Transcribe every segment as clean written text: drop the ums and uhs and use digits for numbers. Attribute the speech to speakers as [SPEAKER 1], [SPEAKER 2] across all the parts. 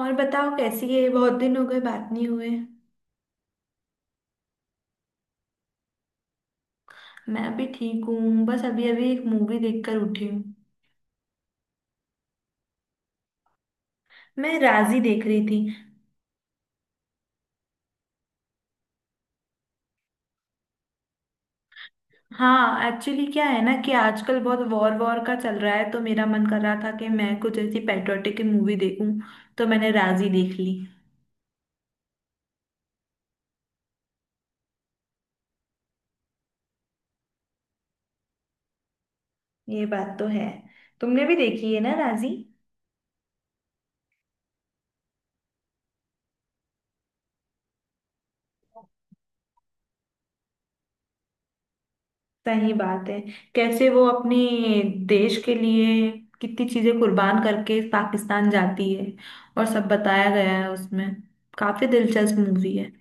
[SPEAKER 1] और बताओ, कैसी है? बहुत दिन हो गए, बात नहीं हुए। मैं भी ठीक हूँ, बस अभी अभी एक मूवी देखकर उठी हूँ। मैं राजी देख रही थी। हाँ, एक्चुअली क्या है ना कि आजकल बहुत वॉर वॉर का चल रहा है, तो मेरा मन कर रहा था कि मैं कुछ ऐसी पैट्रियोटिक मूवी देखूं। तो मैंने राजी देख ली। ये बात तो है। तुमने भी देखी है ना राजी? सही बात है। कैसे वो अपने देश के लिए कितनी चीजें कुर्बान करके पाकिस्तान जाती है, और सब बताया गया है उसमें। काफी दिलचस्प मूवी है।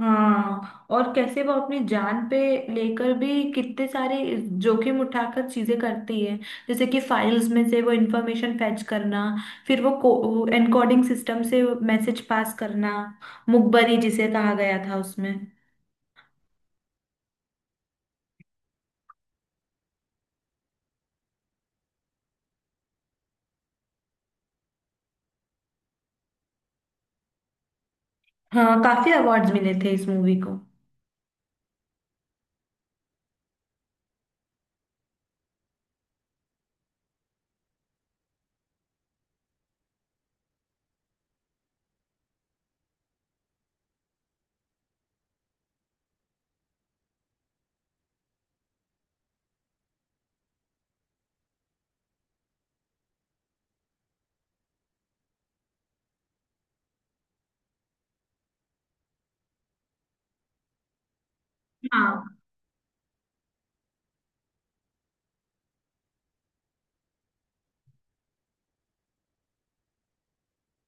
[SPEAKER 1] हाँ, और कैसे वो अपनी जान पे लेकर भी कितने सारे जोखिम उठाकर चीजें करती है, जैसे कि फाइल्स में से वो इंफॉर्मेशन फैच करना, फिर वो एनकोडिंग सिस्टम से मैसेज पास करना, मुखबरी जिसे कहा गया था उसमें। हाँ, काफी अवार्ड्स मिले थे इस मूवी को। हाँ,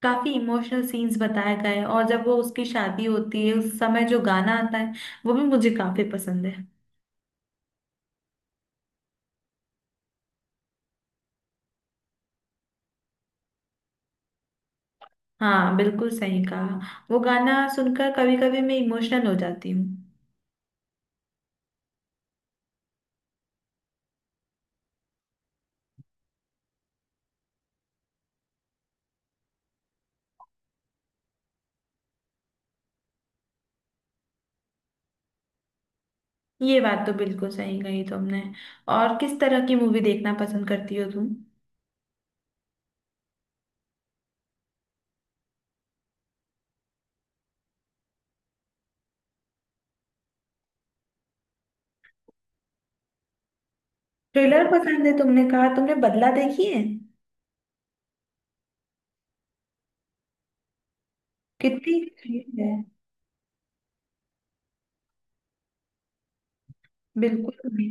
[SPEAKER 1] काफी इमोशनल सीन्स बताए गए हैं, और जब वो उसकी शादी होती है उस समय जो गाना आता है, वो भी मुझे काफी पसंद है। हाँ, बिल्कुल सही कहा। वो गाना सुनकर कभी कभी मैं इमोशनल हो जाती हूँ। ये बात तो बिल्कुल सही कही तुमने। और किस तरह की मूवी देखना पसंद करती हो तुम? थ्रिलर पसंद है, तुमने कहा, तुमने बदला देखी है? कितनी अच्छी है। बिल्कुल भी।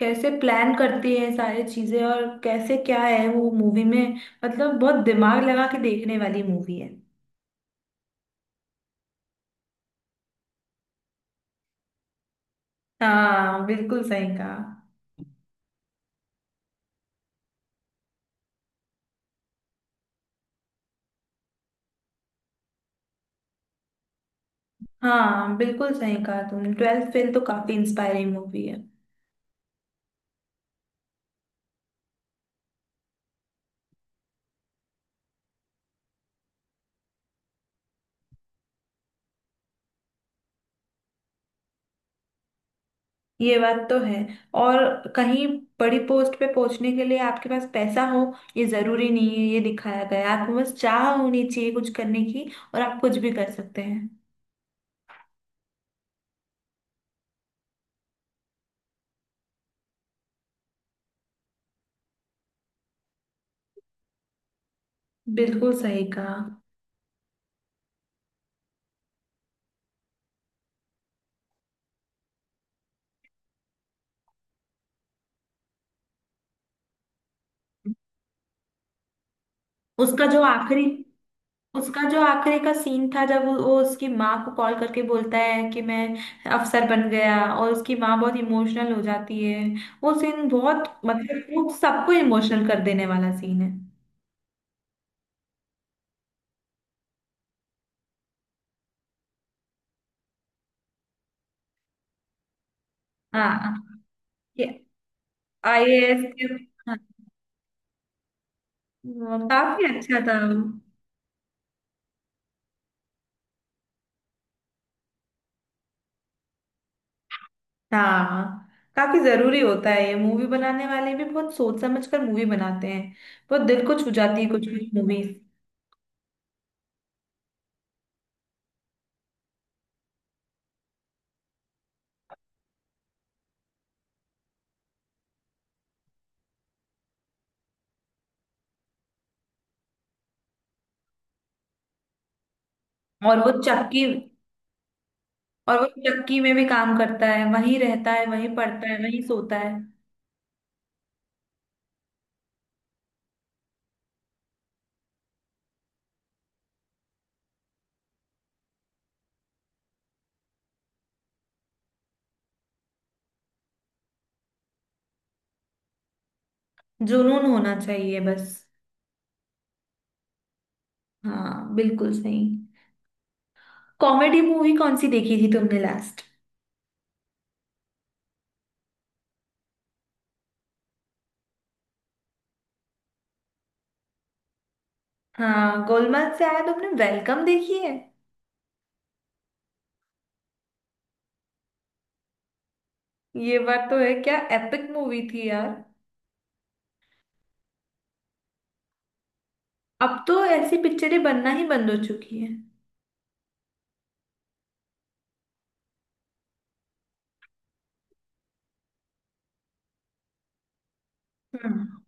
[SPEAKER 1] कैसे प्लान करती है सारी चीजें, और कैसे क्या है वो मूवी में, मतलब बहुत दिमाग लगा के देखने वाली मूवी है। हाँ, बिल्कुल सही कहा। हाँ, बिल्कुल सही कहा तुमने, 12th फेल तो काफी इंस्पायरिंग मूवी है। ये बात तो है। और कहीं बड़ी पोस्ट पे पहुंचने के लिए आपके पास पैसा हो, ये जरूरी नहीं है। ये दिखाया गया है, आपको बस चाह होनी चाहिए कुछ करने की, और आप कुछ भी कर सकते हैं। बिल्कुल सही कहा। उसका जो आखिरी उसका जो आखिरी का सीन था, जब वो उसकी माँ को कॉल करके बोलता है कि मैं अफसर बन गया, और उसकी माँ बहुत इमोशनल हो जाती है। वो सीन बहुत, मतलब वो सबको इमोशनल कर देने वाला सीन है। हाँ, ये आईएएस के। हाँ, वो काफी अच्छा था वो। हाँ, काफी जरूरी होता है। ये मूवी बनाने वाले भी बहुत सोच समझ कर मूवी बनाते हैं। बहुत दिल को छू जाती है कुछ कुछ मूवीज। और वो चक्की और वो चक्की में भी काम करता है, वहीं रहता है, वहीं पढ़ता है, वहीं सोता है। जुनून होना चाहिए बस। हाँ, बिल्कुल सही। कॉमेडी मूवी कौन सी देखी थी तुमने लास्ट? हाँ, गोलमाल से आया, तुमने वेलकम देखी है? ये बात तो है, क्या एपिक मूवी थी यार। अब तो ऐसी पिक्चरें बनना ही बंद हो चुकी है। हम्म।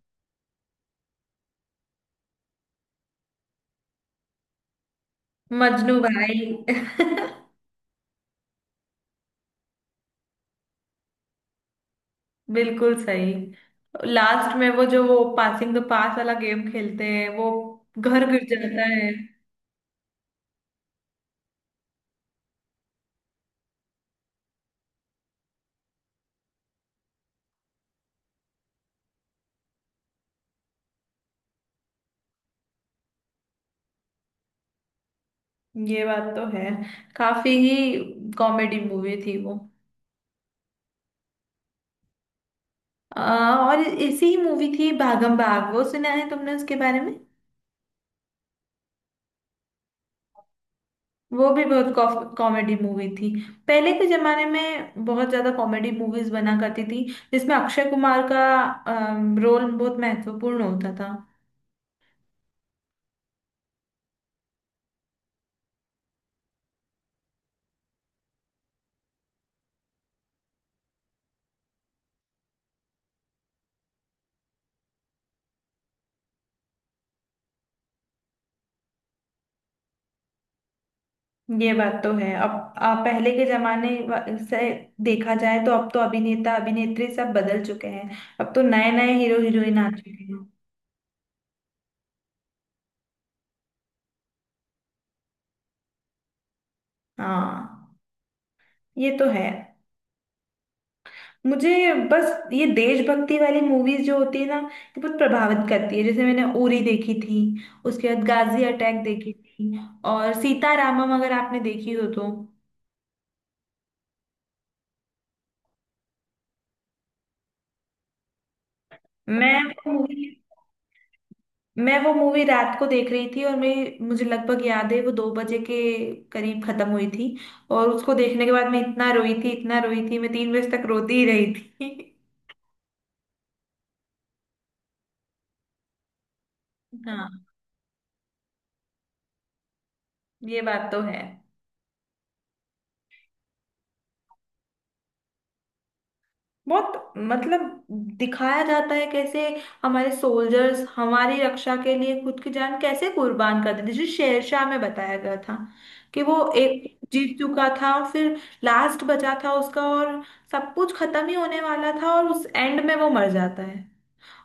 [SPEAKER 1] मजनू भाई। बिल्कुल सही। लास्ट में वो जो वो पासिंग द पास वाला गेम खेलते हैं, वो घर गिर जाता है। ये बात तो है, काफी ही कॉमेडी मूवी थी वो। और ऐसी ही मूवी थी भागम भाग, वो सुना है तुमने उसके बारे में? वो भी बहुत कॉमेडी मूवी थी। पहले के जमाने में बहुत ज्यादा कॉमेडी मूवीज बना करती थी, जिसमें अक्षय कुमार का रोल बहुत महत्वपूर्ण होता था। ये बात तो है अब। पहले के जमाने से देखा जाए तो अब तो अभिनेता अभिनेत्री सब बदल चुके हैं। अब तो नए नए हीरो हीरोइन आ चुके हैं। हाँ, ये तो है। मुझे बस ये देशभक्ति वाली मूवीज जो होती है ना, ये बहुत प्रभावित करती है। जैसे मैंने उरी देखी थी, उसके बाद गाजी अटैक देखी थी, और सीतारामम अगर आपने देखी हो तो। मैं वो मूवी मैं वो मूवी रात को देख रही थी, और मैं मुझे लगभग याद है वो 2 बजे के करीब खत्म हुई थी। और उसको देखने के बाद मैं इतना रोई थी इतना रोई थी, मैं 3 बजे तक रोती ही रही थी। हाँ, ये बात तो है। बहुत मतलब दिखाया जाता है कैसे हमारे सोल्जर्स हमारी रक्षा के लिए खुद की जान कैसे कुर्बान कर देते, जो शेरशाह में बताया गया था कि वो एक जीत चुका था, और फिर लास्ट बचा था उसका, और सब कुछ खत्म ही होने वाला था, और उस एंड में वो मर जाता है।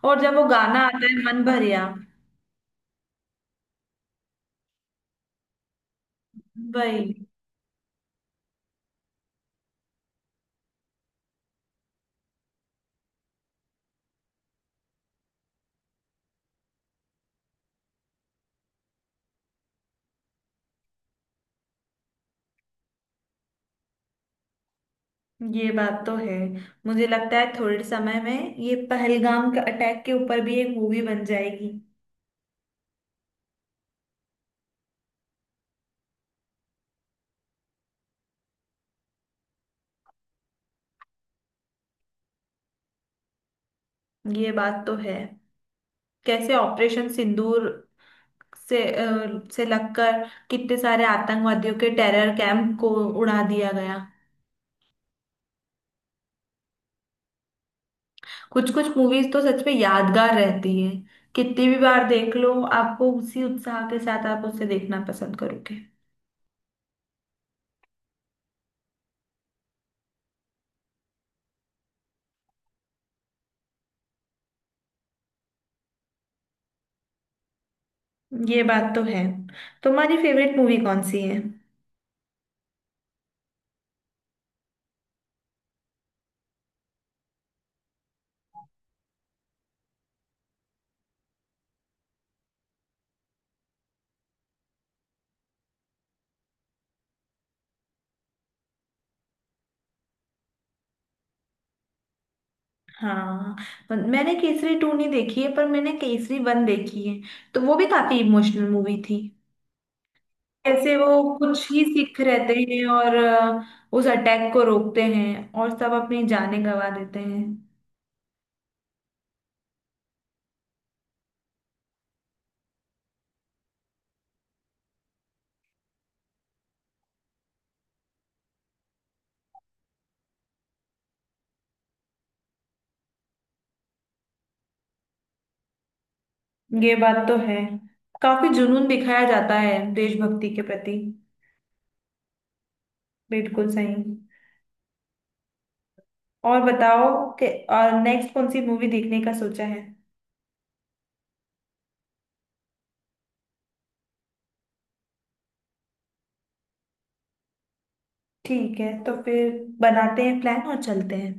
[SPEAKER 1] और जब वो गाना आता है मन भरिया। वही। ये बात तो है। मुझे लगता है थोड़े समय में ये पहलगाम का अटैक के ऊपर भी एक मूवी बन जाएगी। ये बात तो है। कैसे ऑपरेशन सिंदूर से से लगकर कितने सारे आतंकवादियों के टेरर कैंप को उड़ा दिया गया। कुछ कुछ मूवीज तो सच में यादगार रहती है, कितनी भी बार देख लो, आपको उसी उत्साह के साथ आप उसे देखना पसंद करोगे। ये बात तो है। तुम्हारी फेवरेट मूवी कौन सी है? हाँ, मैंने केसरी 2 नहीं देखी है, पर मैंने केसरी 1 देखी है, तो वो भी काफी इमोशनल मूवी थी। कैसे वो कुछ ही सिख रहते हैं, और उस अटैक को रोकते हैं, और सब अपनी जानें गंवा देते हैं। ये बात तो है, काफी जुनून दिखाया जाता है देशभक्ति के प्रति। बिल्कुल सही। और बताओ कि और नेक्स्ट कौन सी मूवी देखने का सोचा है? ठीक है, तो फिर बनाते हैं प्लान और चलते हैं।